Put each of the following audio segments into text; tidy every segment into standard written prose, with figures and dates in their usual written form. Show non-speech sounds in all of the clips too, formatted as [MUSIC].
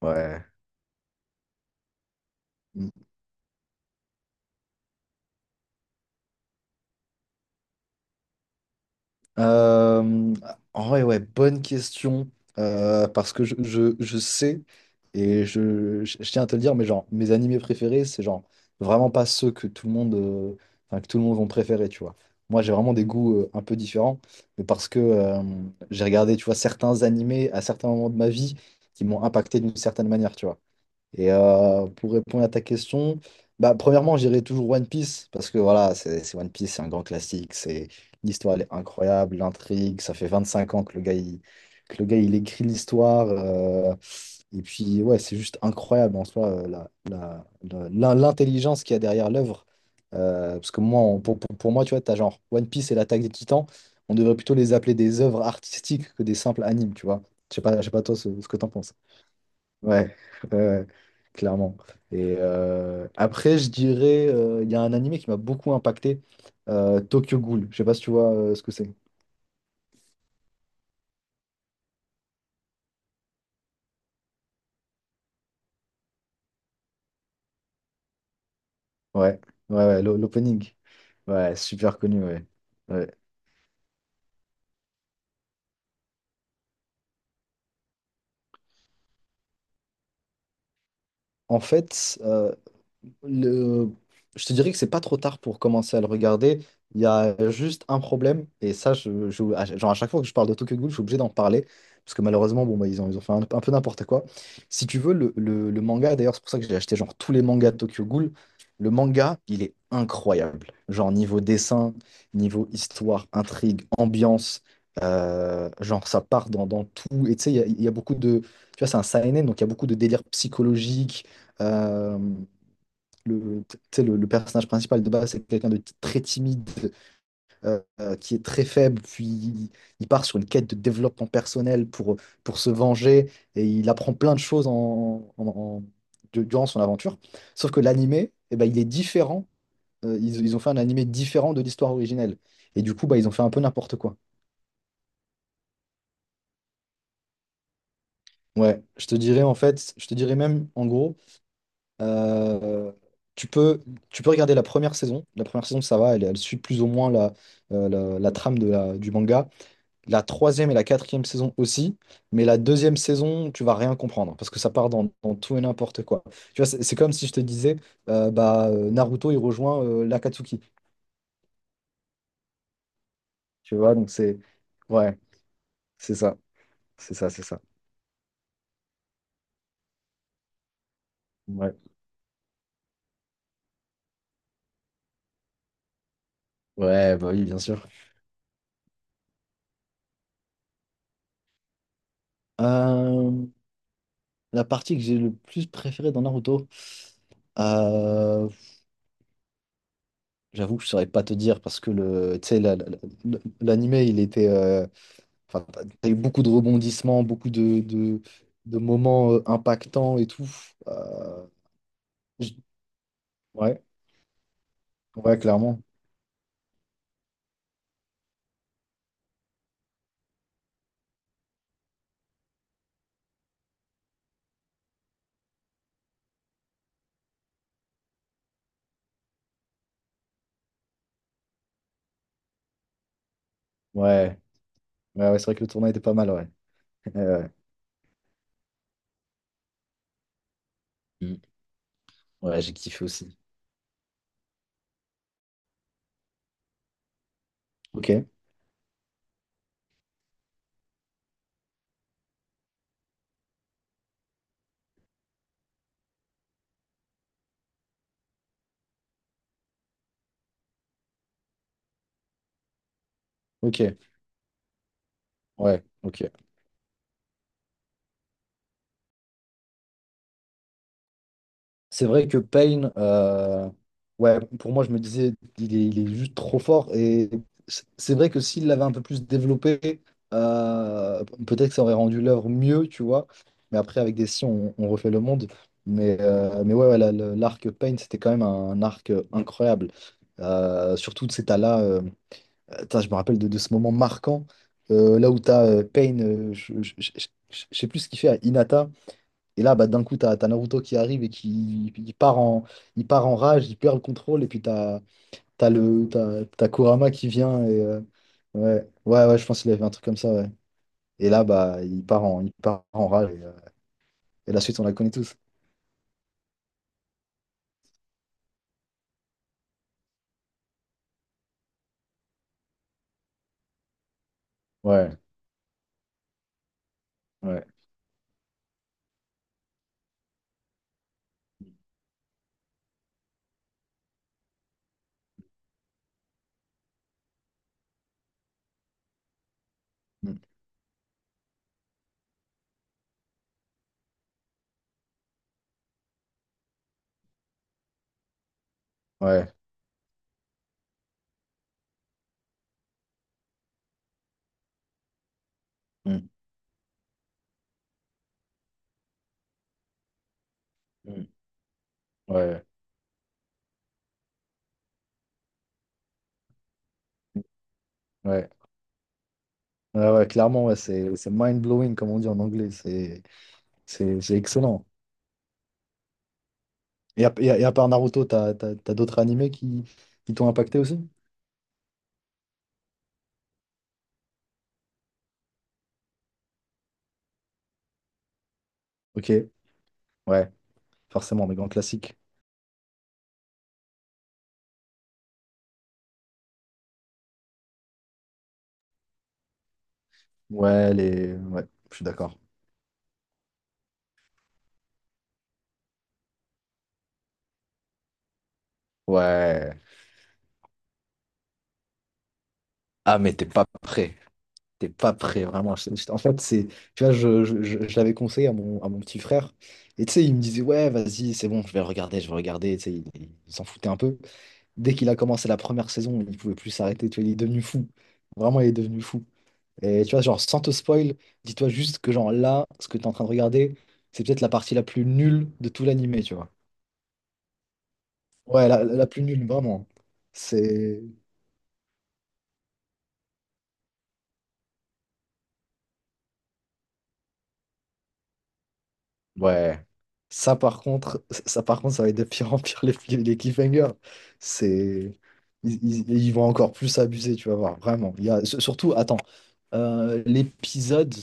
Ouais. Mm. Euh, En vrai, ouais, bonne question. Parce que je sais, et je tiens à te le dire, mais genre, mes animés préférés, c'est genre vraiment pas ceux que tout le monde, enfin, que tout le monde vont préférer, tu vois. Moi, j'ai vraiment des goûts un peu différents, mais parce que j'ai regardé, tu vois, certains animés à certains moments de ma vie qui m'ont impacté d'une certaine manière, tu vois. Et pour répondre à ta question, bah, premièrement, j'irai toujours One Piece parce que voilà, c'est One Piece, c'est un grand classique, c'est l'histoire, elle est incroyable, l'intrigue, ça fait 25 ans que que le gars, il écrit l'histoire, et puis ouais, c'est juste incroyable en soi, l'intelligence qu'il y a derrière l'œuvre. Parce que moi, pour moi, tu vois, t'as genre One Piece et l'Attaque des Titans, on devrait plutôt les appeler des œuvres artistiques que des simples animes, tu vois. Je sais pas toi ce que t'en penses. Ouais, ouais, ouais, clairement. Et après, je dirais, il y a un animé qui m'a beaucoup impacté, Tokyo Ghoul. Je sais pas si tu vois ce que c'est. Ouais, ouais, ouais, l'opening. Ouais, super connu, ouais. Ouais. En fait, le... je te dirais que c'est pas trop tard pour commencer à le regarder. Il y a juste un problème, et ça, genre à chaque fois que je parle de Tokyo Ghoul, je suis obligé d'en parler, parce que malheureusement, bon, bah, ils ont fait un peu n'importe quoi. Si tu veux, le manga, d'ailleurs, c'est pour ça que j'ai acheté genre tous les mangas de Tokyo Ghoul, le manga, il est incroyable. Genre niveau dessin, niveau histoire, intrigue, ambiance, genre ça part dans tout. Et tu sais, il y a beaucoup Tu vois, c'est un seinen, donc il y a beaucoup de délire psychologique, euh, tu sais, le personnage principal de base, c'est quelqu'un de très timide, qui est très faible, puis il part sur une quête de développement personnel pour, se venger, et il apprend plein de choses durant son aventure. Sauf que l'animé, eh ben, il est différent. Ils ont fait un animé différent de l'histoire originelle. Et du coup, bah, ils ont fait un peu n'importe quoi. Ouais, je te dirais en fait, je te dirais même en gros. Euh, tu peux, Tu peux regarder la première saison. La première saison, ça va, elle suit plus ou moins la, la trame de du manga. La troisième et la quatrième saison aussi. Mais la deuxième saison, tu vas rien comprendre parce que ça part dans tout et n'importe quoi. Tu vois, c'est comme si je te disais, Naruto, il rejoint l'Akatsuki. Tu vois, donc c'est. Ouais, c'est ça. C'est ça, c'est ça. Ouais. Ouais, bah oui, bien sûr. Euh, la partie que j'ai le plus préférée dans Naruto. Euh, J'avoue que je saurais pas te dire parce que tu sais, l'anime, il était, enfin, t'as eu beaucoup de rebondissements, beaucoup de moments, impactants et tout. Euh, j- ouais, ouais, clairement. Ouais, ouais, ouais, c'est vrai que le tournoi était pas mal, ouais. [LAUGHS] Ouais, ouais. Mm. Ouais, j'ai kiffé aussi. Ok, ok, ouais, ok. C'est vrai que Payne, ouais, pour moi, je me disais, il est juste trop fort. Et c'est vrai que s'il l'avait un peu plus développé, peut-être que ça aurait rendu l'œuvre mieux, tu vois. Mais après, avec des si, on refait le monde. Mais, ouais, ouais, l'arc Payne, c'était quand même un arc incroyable. Surtout, de cet là, attends, je me rappelle de ce moment marquant, là où t'as as Payne, je sais plus ce qu'il fait à Hinata. Et là, bah, d'un coup, t'as Naruto qui arrive et qui il part en rage, il perd le contrôle, et puis t'as Kurama qui vient. Et, ouais, ouais, ouais, je pense qu'il avait un truc comme ça, ouais. Et là, bah, il part en rage, et la suite, on la connaît tous. Ouais, ouais, mm, ouais, mm, mm, ouais, ouais. Ouais, ouais, clairement, ouais, c'est mind-blowing, comme on dit en anglais, c'est excellent. Et à part Naruto, t'as d'autres animés qui t'ont impacté aussi? Ok, ouais, forcément, des grands classiques. Ouais, les... ouais, je suis d'accord. Ouais. Ah, mais t'es pas prêt. T'es pas prêt, vraiment. En fait, c'est. Tu vois, je l'avais conseillé à mon, petit frère. Et tu sais, il me disait, ouais, vas-y, c'est bon, je vais regarder, je vais regarder. Tu sais, il s'en foutait un peu. Dès qu'il a commencé la première saison, il pouvait plus s'arrêter. Tu vois, il est devenu fou. Vraiment, il est devenu fou. Et tu vois, genre, sans te spoil, dis-toi juste que, genre, là, ce que t'es en train de regarder, c'est peut-être la partie la plus nulle de tout l'animé, tu vois. Ouais, la plus nulle, vraiment. C'est. Ouais. Ça par contre, ça va être de [LAUGHS] pire en pire, les cliffhangers. C'est, ils vont encore plus abuser, tu vas voir, vraiment. Il y a, surtout, attends, l'épisode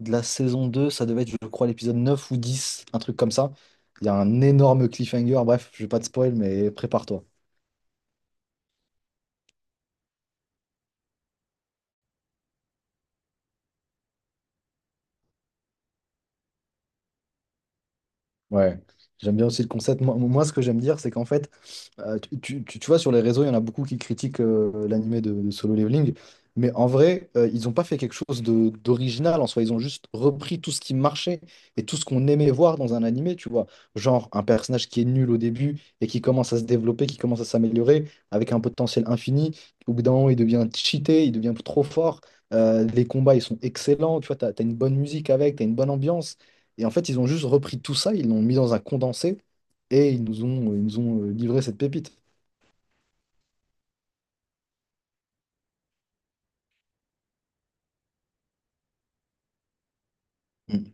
de la saison 2, ça devait être, je crois, l'épisode 9 ou 10, un truc comme ça. Il y a un énorme cliffhanger. Bref, je vais pas te spoil, mais prépare-toi. Ouais, j'aime bien aussi le concept. Moi, moi, ce que j'aime dire, c'est qu'en fait, tu vois, sur les réseaux, il y en a beaucoup qui critiquent, l'animé de Solo Leveling, mais en vrai, ils n'ont pas fait quelque chose d'original en soi. Ils ont juste repris tout ce qui marchait et tout ce qu'on aimait voir dans un animé, tu vois. Genre un personnage qui est nul au début et qui commence à se développer, qui commence à s'améliorer avec un potentiel infini. Au bout d'un moment, il devient cheaté, il devient trop fort. Les combats, ils sont excellents, tu vois, t'as une bonne musique avec, t'as une bonne ambiance. Et en fait, ils ont juste repris tout ça, ils l'ont mis dans un condensé et ils nous ont livré cette pépite. Mm.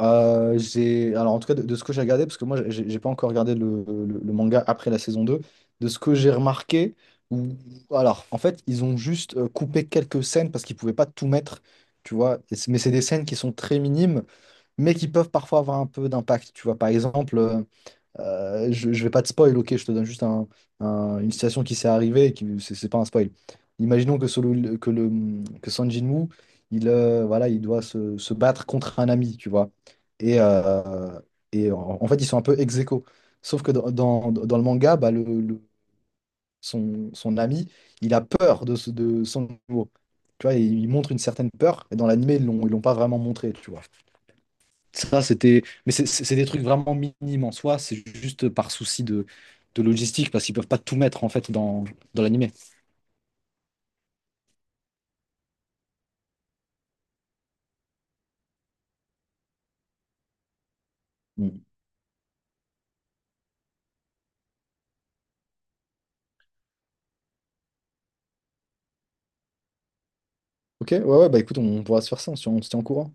Alors, en tout cas, de ce que j'ai regardé, parce que moi, j'ai pas encore regardé le manga après la saison 2. De ce que j'ai remarqué, ou alors, en fait, ils ont juste coupé quelques scènes parce qu'ils pouvaient pas tout mettre, tu vois. Et c'est- Mais c'est des scènes qui sont très minimes, mais qui peuvent parfois avoir un peu d'impact. Tu vois, par exemple. Je vais pas te spoil, ok, je te donne juste une situation qui s'est arrivée, et qui, c'est pas un spoil. Imaginons que, Solo- que, le, que Son Jinwoo, voilà, il doit se battre contre un ami, tu vois. Et, en fait, ils sont un peu ex aequo. Sauf que dans le manga, bah, son ami, il a peur de Son Jinwoo. Tu vois, il montre une certaine peur, et dans l'anime, ils l'ont pas vraiment montré, tu vois. Ça, c'était. Mais c'est des trucs vraiment minimes en soi. C'est juste par souci de logistique, parce qu'ils peuvent pas tout mettre en fait dans l'animé. Mm. Ok, ouais, ouais, bah écoute, on pourra se faire ça, on se tient au courant.